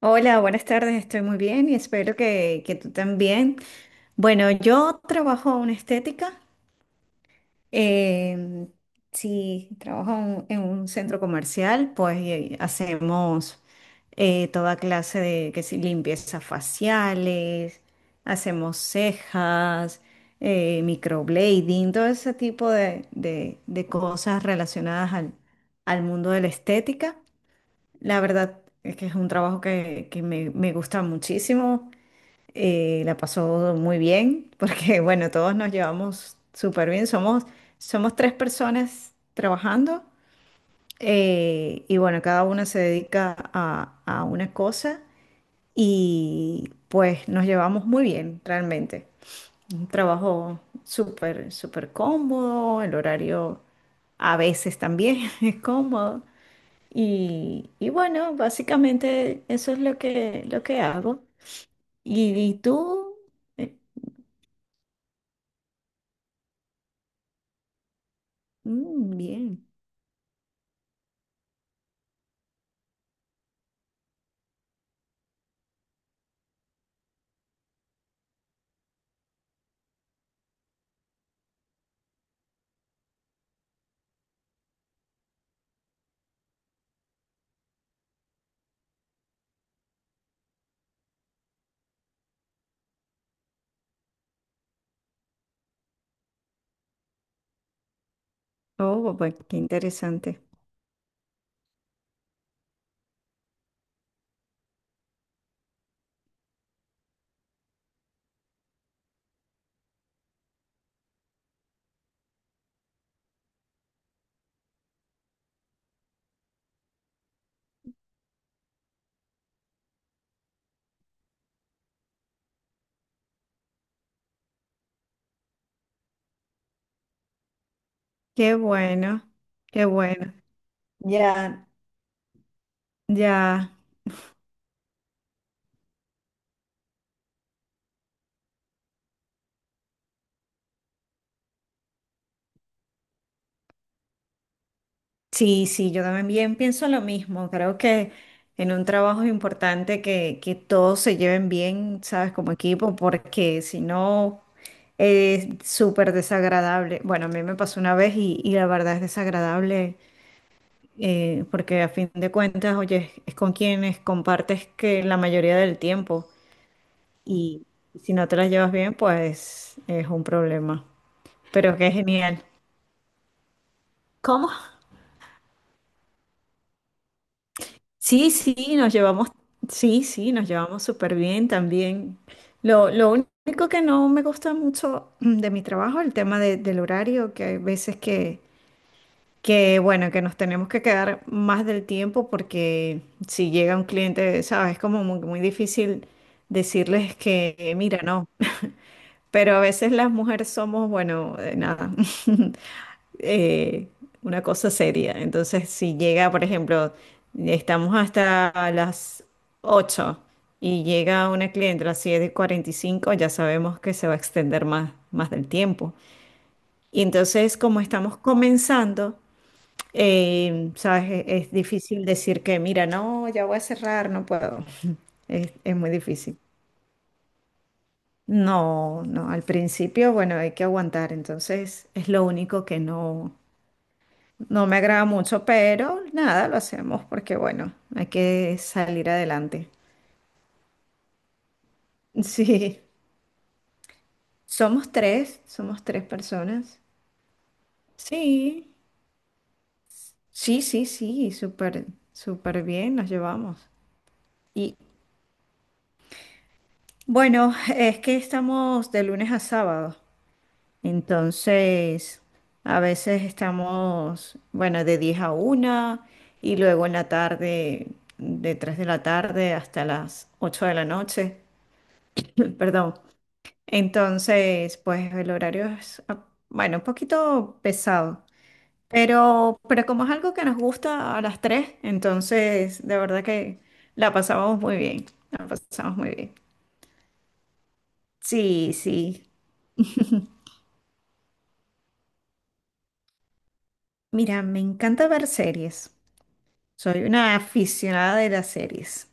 Hola, buenas tardes, estoy muy bien y espero que tú también. Bueno, yo trabajo en estética, em, sí, trabajo en un centro comercial, pues hacemos toda clase de que si limpieza faciales, hacemos cejas, microblading, todo ese tipo de cosas relacionadas al mundo de la estética. La verdad es que es un trabajo que me gusta muchísimo. La pasó muy bien porque, bueno, todos nos llevamos súper bien. Somos tres personas trabajando, y, bueno, cada una se dedica a una cosa, y pues nos llevamos muy bien realmente. Un trabajo súper, súper cómodo, el horario a veces también es cómodo. Y bueno, básicamente eso es lo que hago. ¿Y tú? Eh, mm, bien. Oh, bueno, qué interesante. Qué bueno, qué bueno. Ya, ya. Sí, sí, yo también pienso lo mismo. Creo que en un trabajo es importante que todos se lleven bien, ¿sabes? Como equipo, porque si no, es súper desagradable. Bueno, a mí me pasó una vez y la verdad es desagradable, porque a fin de cuentas, oye, es con quienes compartes que la mayoría del tiempo, y si no te las llevas bien, pues es un problema. Pero qué genial. ¿Cómo? Sí, sí, nos llevamos, sí, sí, nos llevamos súper bien también. Lo único que no me gusta mucho, de mi trabajo, el tema del horario, que hay veces que bueno, que nos tenemos que quedar más del tiempo, porque si llega un cliente, sabes, es como muy, muy difícil decirles que, mira, no. Pero a veces las mujeres somos, bueno, nada, eh, una cosa seria. Entonces, si llega, por ejemplo, estamos hasta las 8 y llega una cliente a las 7:45, ya sabemos que se va a extender más del tiempo. Y entonces, como estamos comenzando, sabes, es difícil decir que, mira, no, ya voy a cerrar, no puedo. Es muy difícil. No, no, al principio, bueno, hay que aguantar, entonces es lo único que no me agrada mucho, pero nada, lo hacemos porque, bueno, hay que salir adelante. Sí, somos tres personas. Sí, sí, sí, sí, súper, súper bien nos llevamos. Y bueno, es que estamos de lunes a sábado. Entonces, a veces estamos, bueno, de 10 a 1, y luego en la tarde, de 3 de la tarde hasta las 8 de la noche. Perdón. Entonces, pues el horario es, ah, bueno, un poquito pesado, pero como es algo que nos gusta a las tres, entonces de verdad que la pasamos muy bien, la pasamos muy bien. Sí, sí. Mira, me encanta ver series. Soy una aficionada de las series.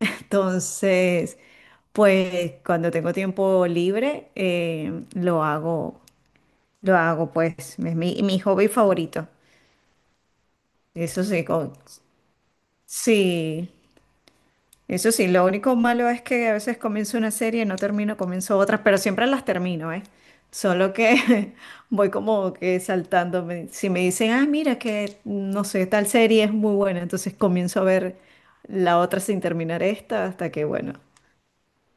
Entonces, pues cuando tengo tiempo libre, lo hago, pues, es mi hobby favorito. Eso sí, con- sí, Eso sí, lo único malo es que a veces comienzo una serie y no termino, comienzo otras, pero siempre las termino, ¿eh? Solo que voy como que saltándome. Si me dicen, ah, mira que, no sé, tal serie es muy buena, entonces comienzo a ver la otra sin terminar esta hasta que, bueno,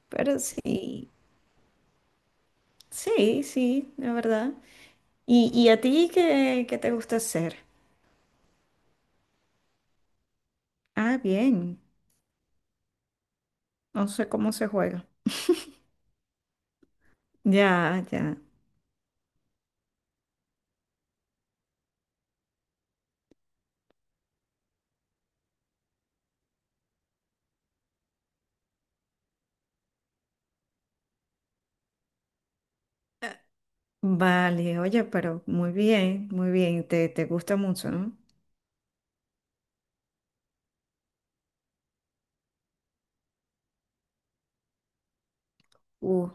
pero sí, sí, sí, la verdad. ¿Y a ti qué te gusta hacer? Ah, bien, no sé cómo se juega. Ya, ya. Vale, oye, pero muy bien, te gusta mucho, ¿no? Uh,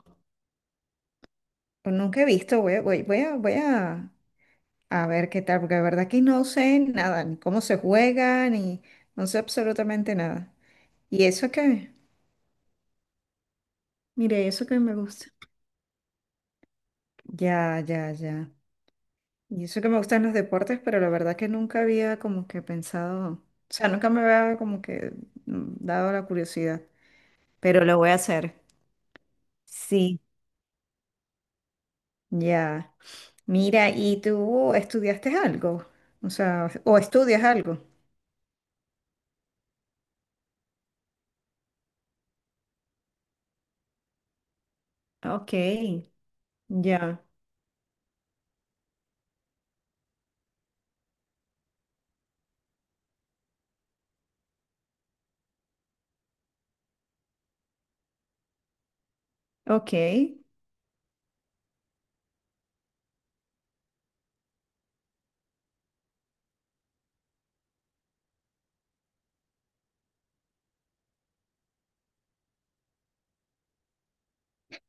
Nunca he visto, voy a ver qué tal, porque de verdad que no sé nada, ni cómo se juega, ni no sé absolutamente nada. ¿Y eso que, Mire, eso que me gusta. Ya, ya, ya. Y eso que me gustan los deportes, pero la verdad que nunca había como que pensado, o sea, nunca me había como que, dado la curiosidad, pero lo voy a hacer. Sí, ya. Mira, ¿y tú estudiaste algo? O sea, ¿o estudias algo? Ok, ya, ok.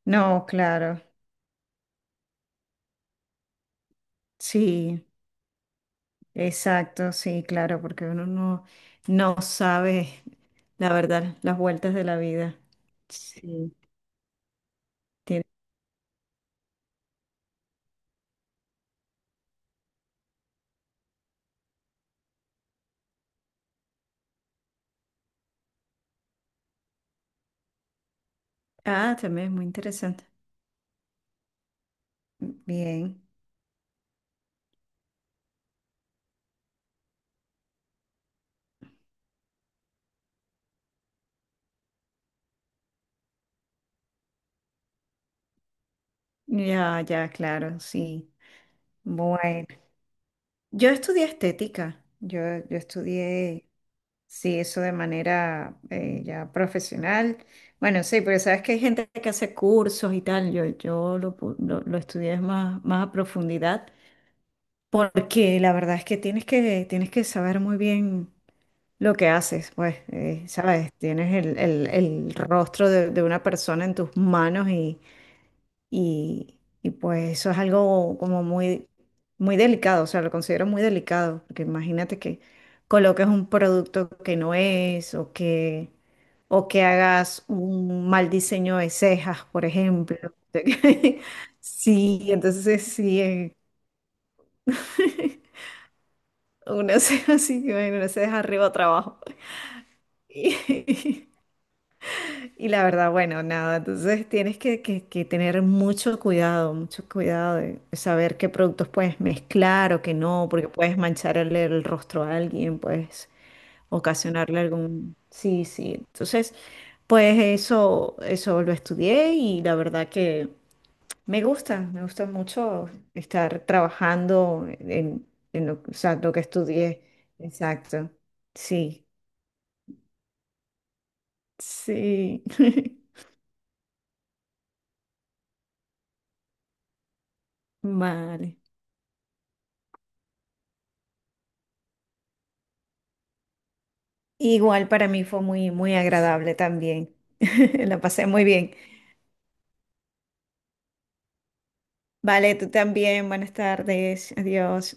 No, claro, sí, exacto, sí, claro, porque uno no sabe, la verdad, las vueltas de la vida. Sí. tiene- Ah, también es muy interesante. Bien, ya, ya, claro, sí. Bueno, yo estudié estética, yo estudié. Sí, eso de manera, ya profesional. Bueno, sí, porque sabes que hay gente que hace cursos y tal. Yo lo estudié más a profundidad, porque la verdad es que tienes que saber muy bien lo que haces, pues, ¿sabes? Tienes el rostro de una persona en tus manos, y pues eso es algo como muy, muy delicado, o sea, lo considero muy delicado, porque imagínate que coloques un producto que no es, o que hagas un mal diseño de cejas, por ejemplo. Sí, entonces sí, una ceja así, bueno, una ceja arriba, otra abajo. Y la verdad, bueno, nada, entonces tienes que tener mucho cuidado de saber qué productos puedes mezclar o qué no, porque puedes mancharle el rostro a alguien, puedes ocasionarle algún. Sí, sí, entonces, pues eso lo estudié, y la verdad que me gusta mucho estar trabajando en lo, o sea, lo que estudié. Exacto, sí, sí. Vale. Igual para mí fue muy, muy agradable también. La pasé muy bien. Vale, tú también. Buenas tardes. Adiós.